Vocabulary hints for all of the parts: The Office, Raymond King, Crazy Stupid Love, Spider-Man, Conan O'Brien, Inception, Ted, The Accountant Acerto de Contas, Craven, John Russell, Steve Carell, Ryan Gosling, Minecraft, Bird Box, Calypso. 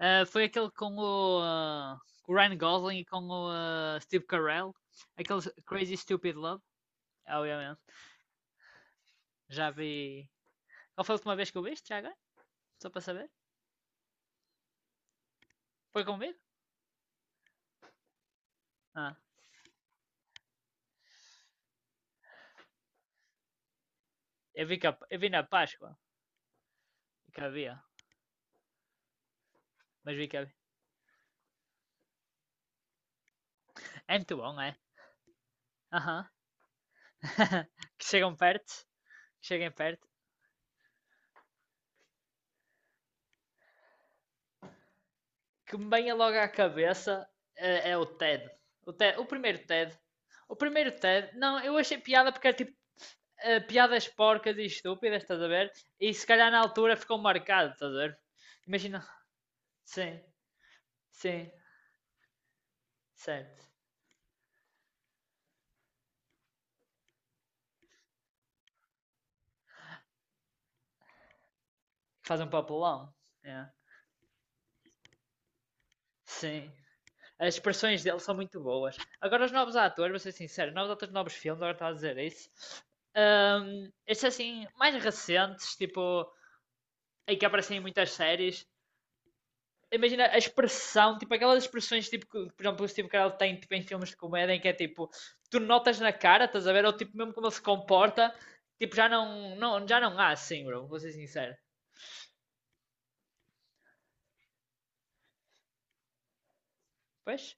Ah, foi aquele com o Ryan Gosling e com o Steve Carell. Aquele Crazy Stupid Love, obviamente. Já vi. Qual foi a última vez que eu viste, já agora? Só para saber? Foi comigo? Ah, eu vi na Páscoa. Que havia. Mas vi que havia. É muito bom, é? Aham. Uh-huh. que chegam perto. Que cheguem perto. Que me venha logo à cabeça é o Ted. O Ted. O primeiro Ted. O primeiro Ted. Não, eu achei piada porque era tipo piadas porcas e estúpidas, estás a ver? E se calhar na altura ficou marcado, estás a ver? Imagina, sim, sim, certo. Faz um papelão, é, sim. As expressões dele são muito boas. Agora, os novos atores, vou ser sincero, novos atores, novos filmes, agora estava a dizer isso. Estes assim, mais recentes, tipo, em que aparecem em muitas séries, imagina a expressão, tipo aquelas expressões tipo que, por exemplo, o Steve Carell tem tipo, em filmes de comédia em que é tipo, tu notas na cara, estás a ver? Ou tipo, mesmo como ele se comporta, tipo, já não há assim, bro, vou ser sincero. Pois,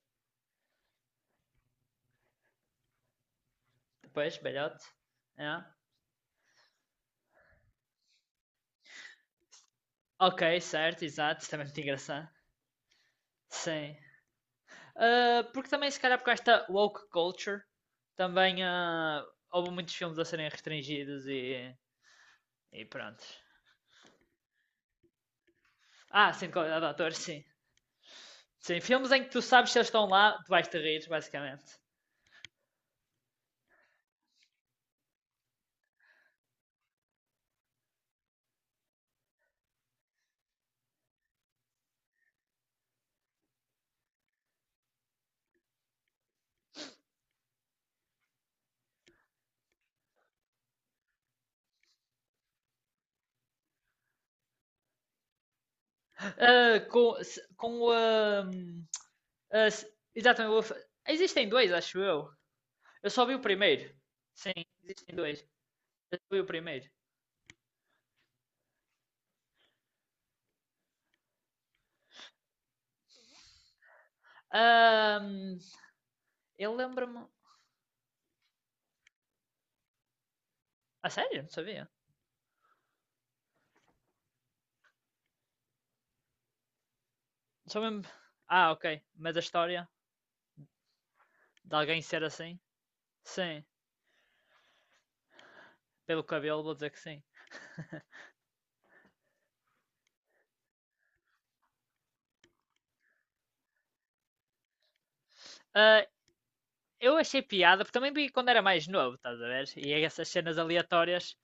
depois, belhote. É. Ok, certo, exato, também é muito engraçado. Sim. Ah, porque também, se calhar, por esta woke culture, também houve muitos filmes a serem restringidos e pronto. Ah, sim, de qualidade de ator, sim. Sim, filmes em que tu sabes se eles estão lá, tu vais te rir, basicamente. Ah, com ahm, ah, exatamente. Existem dois, acho eu. Eu só vi o primeiro. Sim, existem dois. Eu só vi o primeiro. Ahm, eu lembro-me. A sério? Não sabia. Só mesmo. Ah, ok. Mas a história de alguém ser assim? Sim. Pelo cabelo, vou dizer que sim. Ah, eu achei piada, porque também vi quando era mais novo, estás a ver? E essas cenas aleatórias.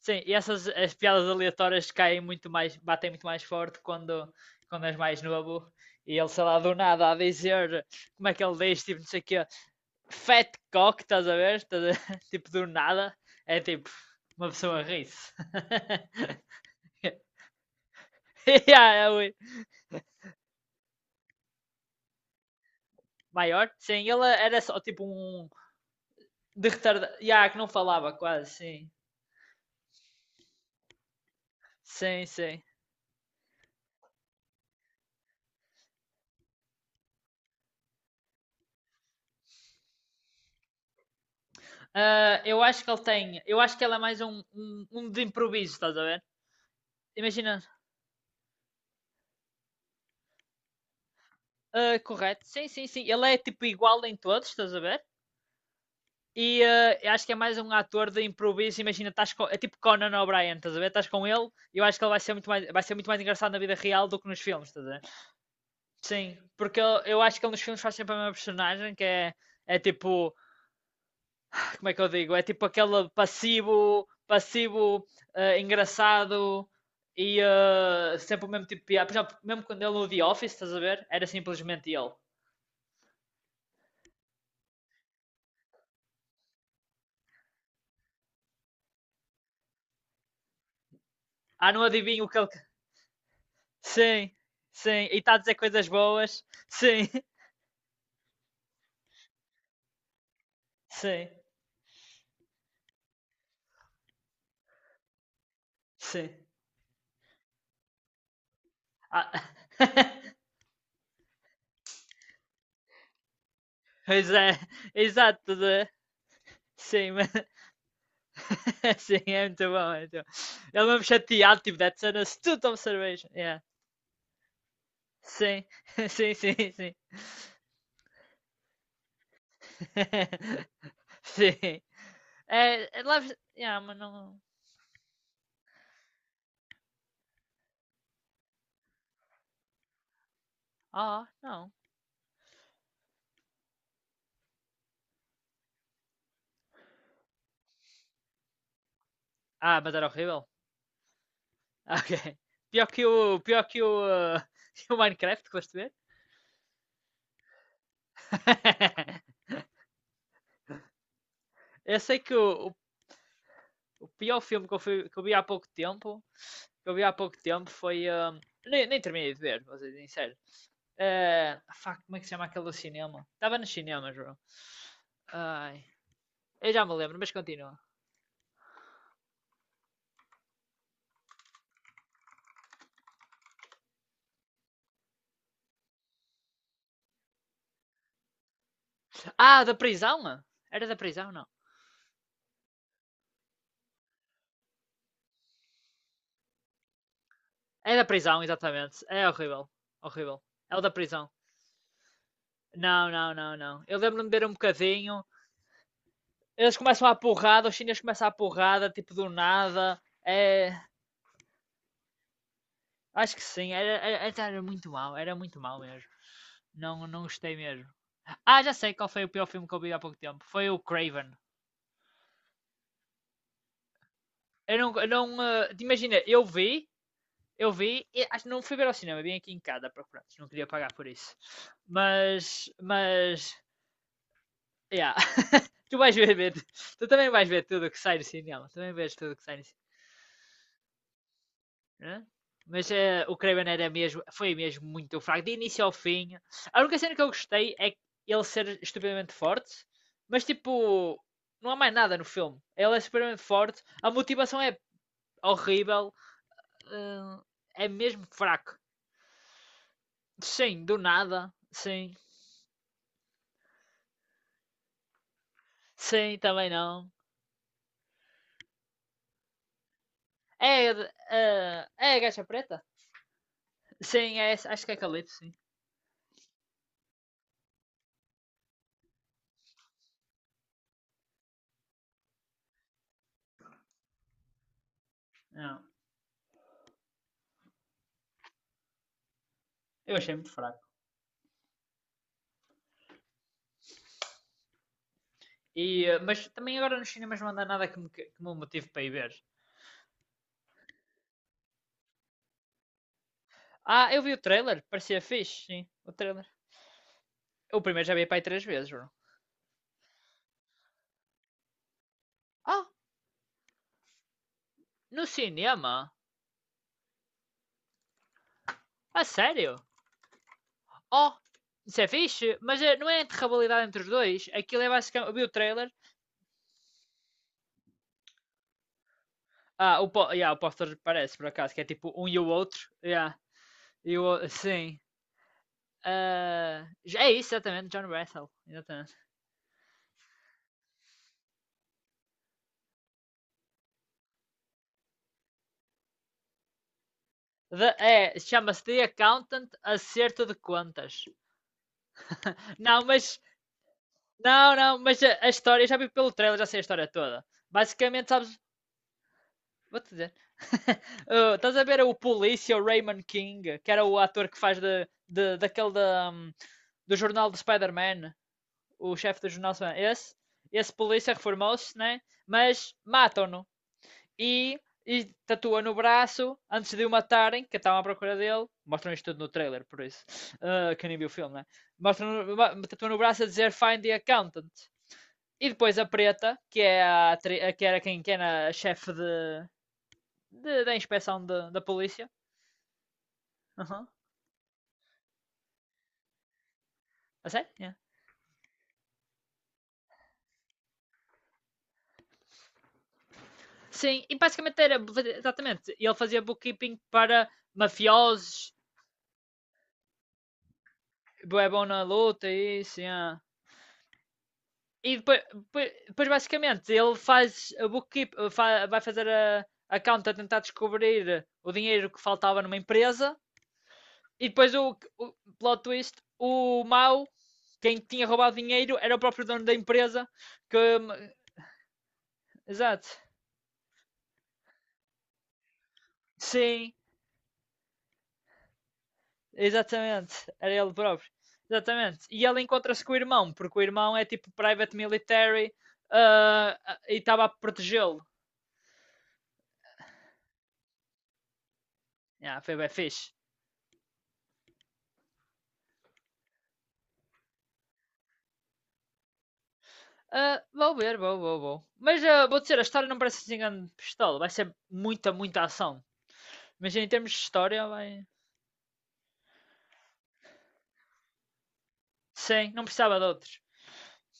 Sim, e essas as piadas aleatórias caem muito mais, batem muito mais forte quando és mais novo. E ele, sei lá, do nada a dizer como é que ele diz, tipo, não sei o quê, fat cock, estás a ver? Tipo, do nada, é tipo, uma pessoa ri-se. yeah, é o maior? Sim, ele era só tipo um de retardado. Yeah, que não falava quase, sim. Sim, sim. Ah, eu acho que ele tem. Eu acho que ele é mais um de improviso, estás a ver? Imagina. Correto. Sim, sim, sim. Ele é tipo igual em todos, estás a ver? E eu acho que é mais um ator de improviso. Imagina, estás com. É tipo Conan O'Brien, estás a ver? Estás com ele e eu acho que ele vai ser muito mais engraçado na vida real do que nos filmes, estás a ver? Sim, porque eu acho que ele nos filmes faz sempre a mesma personagem, que é tipo como é que eu digo? É tipo aquele passivo, passivo engraçado e sempre o mesmo tipo de piada. Por exemplo, mesmo quando ele no The Office, estás a ver? Era simplesmente ele. Ah, não adivinho o que ele. Sim, sim. E está a dizer coisas boas. Sim, sim, sim. Ah, pois é, exato. Estás Sim, mas... sim, é muito bom. É muito bom. Ele mesmo chateado, tipo, that's an astute observation. Yeah. Sim, sim, sim, sim. Sim. É, Love... Yeah, mas não... Oh, não. Ah, mas era horrível? Ah, Ok. Pior que o... uh, que o Minecraft, que foste ver? eu sei que pior filme que que eu vi há pouco tempo... Que eu vi há pouco tempo foi... nem terminei de ver, vou ser sincero. Fuck, como é que se chama aquele do cinema? Estava no cinema, João. Ai, eu já me lembro, mas continua. Ah, da prisão? Era da prisão, não? É da prisão, exatamente. É horrível. Horrível. É o da prisão. Não, não, não, não. Eu lembro-me de ver um bocadinho. Eles começam a porrada, os chineses começam a porrada, tipo do nada. É. Acho que sim, era muito mal, era muito mal mesmo. Não, não gostei mesmo. Ah, já sei qual foi o pior filme que eu vi há pouco tempo. Foi o Craven. Eu não. Imagina, eu vi, acho que não fui ver ao cinema, vim aqui em casa para pronto, não queria pagar por isso. Mas. Yeah. tu vais ver, ver- Tu também vais ver tudo o que sai do cinema, também vês tudo o que sai do cinema. Né? Mas o Craven era mesmo, foi mesmo muito fraco, de início ao fim. A única cena que eu gostei é ele ser estupidamente forte, mas tipo, não há mais nada no filme. Ele é estupidamente forte, a motivação é horrível, eh, é mesmo fraco. Sim, do nada, sim, sim, também não. É, é a gacha preta? Sim, é, acho que é Calypso, sim. Não. Eu achei muito fraco. Mas também agora nos cinemas não anda nada que me motive para ir ver. Ah, eu vi o trailer, parecia fixe, sim, o trailer. Eu primeiro já vi para aí três vezes, bro. Oh, no cinema? A sério? Oh, isso é fixe, mas não é entre rivalidade entre os dois. Aquilo é basicamente. Eu vi o trailer. Ah, yeah, o póster parece, por acaso, que é tipo um e o outro. Yeah, e o outro, sim. Ah, é isso, exatamente, John Russell. Exatamente. É, chama-se The Accountant Acerto de Contas. Não, mas. Não, não, mas a história, eu já vi pelo trailer, já sei a história toda. Basicamente, sabes. Vou-te dizer. Estás a ver o polícia, o Raymond King, que era o ator que faz de do jornal do Spider-Man, o chefe do jornal Spider-Man. Esse polícia reformou-se, né? Mas matam-no. E, e tatua no braço, antes de o matarem, que estavam à procura dele. Mostram isto tudo no trailer, por isso. Quem nem viu o filme, né? Tatua no braço a dizer Find the Accountant. E depois a Preta, que, é a que era quem que era a chefe da inspeção da polícia. Uhum. A sério? Yeah. Sim, e basicamente era exatamente. Ele fazia bookkeeping para mafiosos, é bom na luta, isso, yeah. E depois, basicamente ele faz vai fazer a conta tentar descobrir o dinheiro que faltava numa empresa. E depois o plot twist, o mau, quem tinha roubado dinheiro, era o próprio dono da empresa que. Exato. Sim, exatamente. Era ele próprio. Exatamente. E ele encontra-se com o irmão, porque o irmão é tipo private military e estava a protegê-lo. Ah, foi bem fixe. Ah, vou ver, vou, vou, vou. Mas vou dizer, a história não parece assim grande pistola. Vai ser muita, muita ação. Mas em termos de história, vai. Sim, não precisava de outros.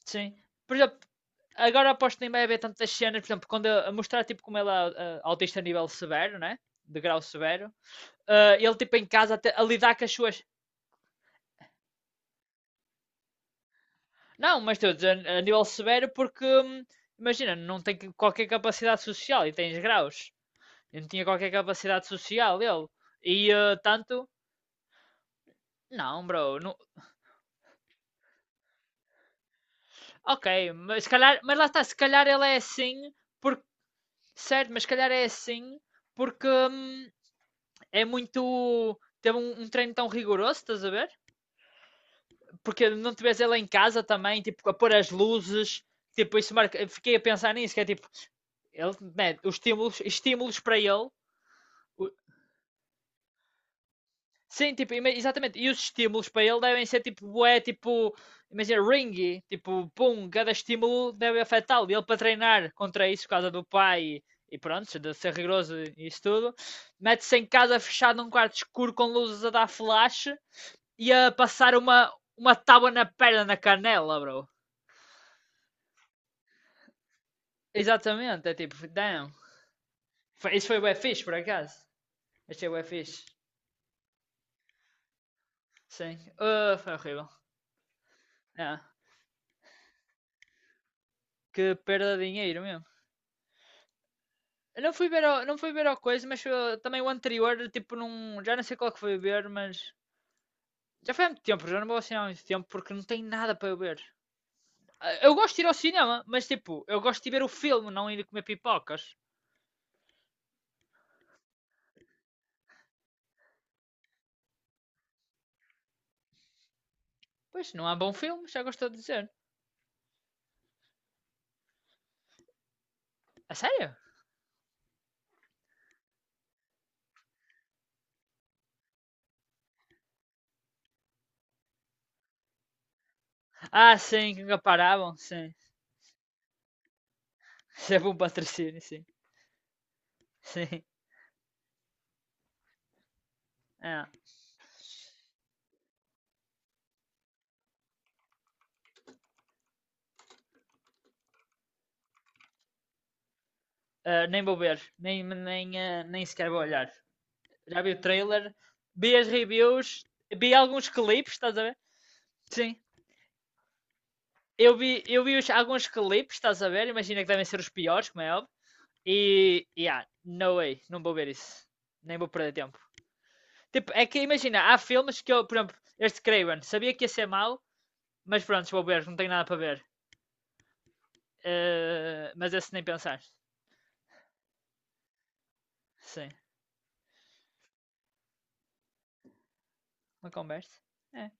Sim. Por exemplo, agora aposto que nem vai haver tantas cenas, por exemplo, quando a mostrar tipo como ela é autista a nível severo, né? De grau severo. Ele tipo em casa até a lidar com as suas. Não, mas estou a dizer a nível severo porque imagina, não tem qualquer capacidade social e tens graus. Ele não tinha qualquer capacidade social ele. E tanto. Não, bro. Não... Ok, mas se calhar. Mas lá está, se calhar ele é assim porque. Certo, mas se calhar é assim porque é muito. Teve um treino tão rigoroso, estás a ver? Porque não tivesse ela em casa também, tipo, a pôr as luzes, tipo, isso marca. Fiquei a pensar nisso, que é tipo, ele, man, os estímulos para ele. Sim, tipo, exatamente. E os estímulos para ele devem ser tipo, bué, tipo, imagina, ringy, tipo, pum, cada estímulo deve afetá-lo. E ele para treinar contra isso, por causa do pai e pronto, de ser rigoroso e isso tudo, mete-se em casa fechado num quarto escuro com luzes a dar flash ia passar uma tábua na perna, na canela, bro. Exatamente, é tipo, damn. Isso foi o fixe, por acaso. Este é o fixe. Sim. Ah, foi horrível. Ah, que perda de dinheiro mesmo. Eu não fui ver ao, coisa, mas também o anterior, tipo, num, já não sei qual que foi ver, mas já foi há muito tempo, já não vou ao cinema há muito tempo porque não tem nada para eu ver. Ah, eu gosto de ir ao cinema, mas tipo, eu gosto de ver o filme, não ir comer pipocas. Pois, não há bom filme, já gostou de dizer. A sério? Ah, sim, que comparavam, sim. Isso é bom patrocínio, sim. Sim. Ah, ah, nem vou ver, nem sequer vou olhar. Já vi o trailer, vi as reviews, vi alguns clipes, estás a ver? Sim. Eu vi alguns clipes, estás a ver? Imagina que devem ser os piores, como é óbvio. E yeah, no way, não vou ver isso. Nem vou perder tempo. Tipo, é que imagina, há filmes que eu, por exemplo, este Craven, sabia que ia ser mau, mas pronto, vou ver, não tenho nada para ver. Mas esse nem pensar. Sim. Uma conversa? É.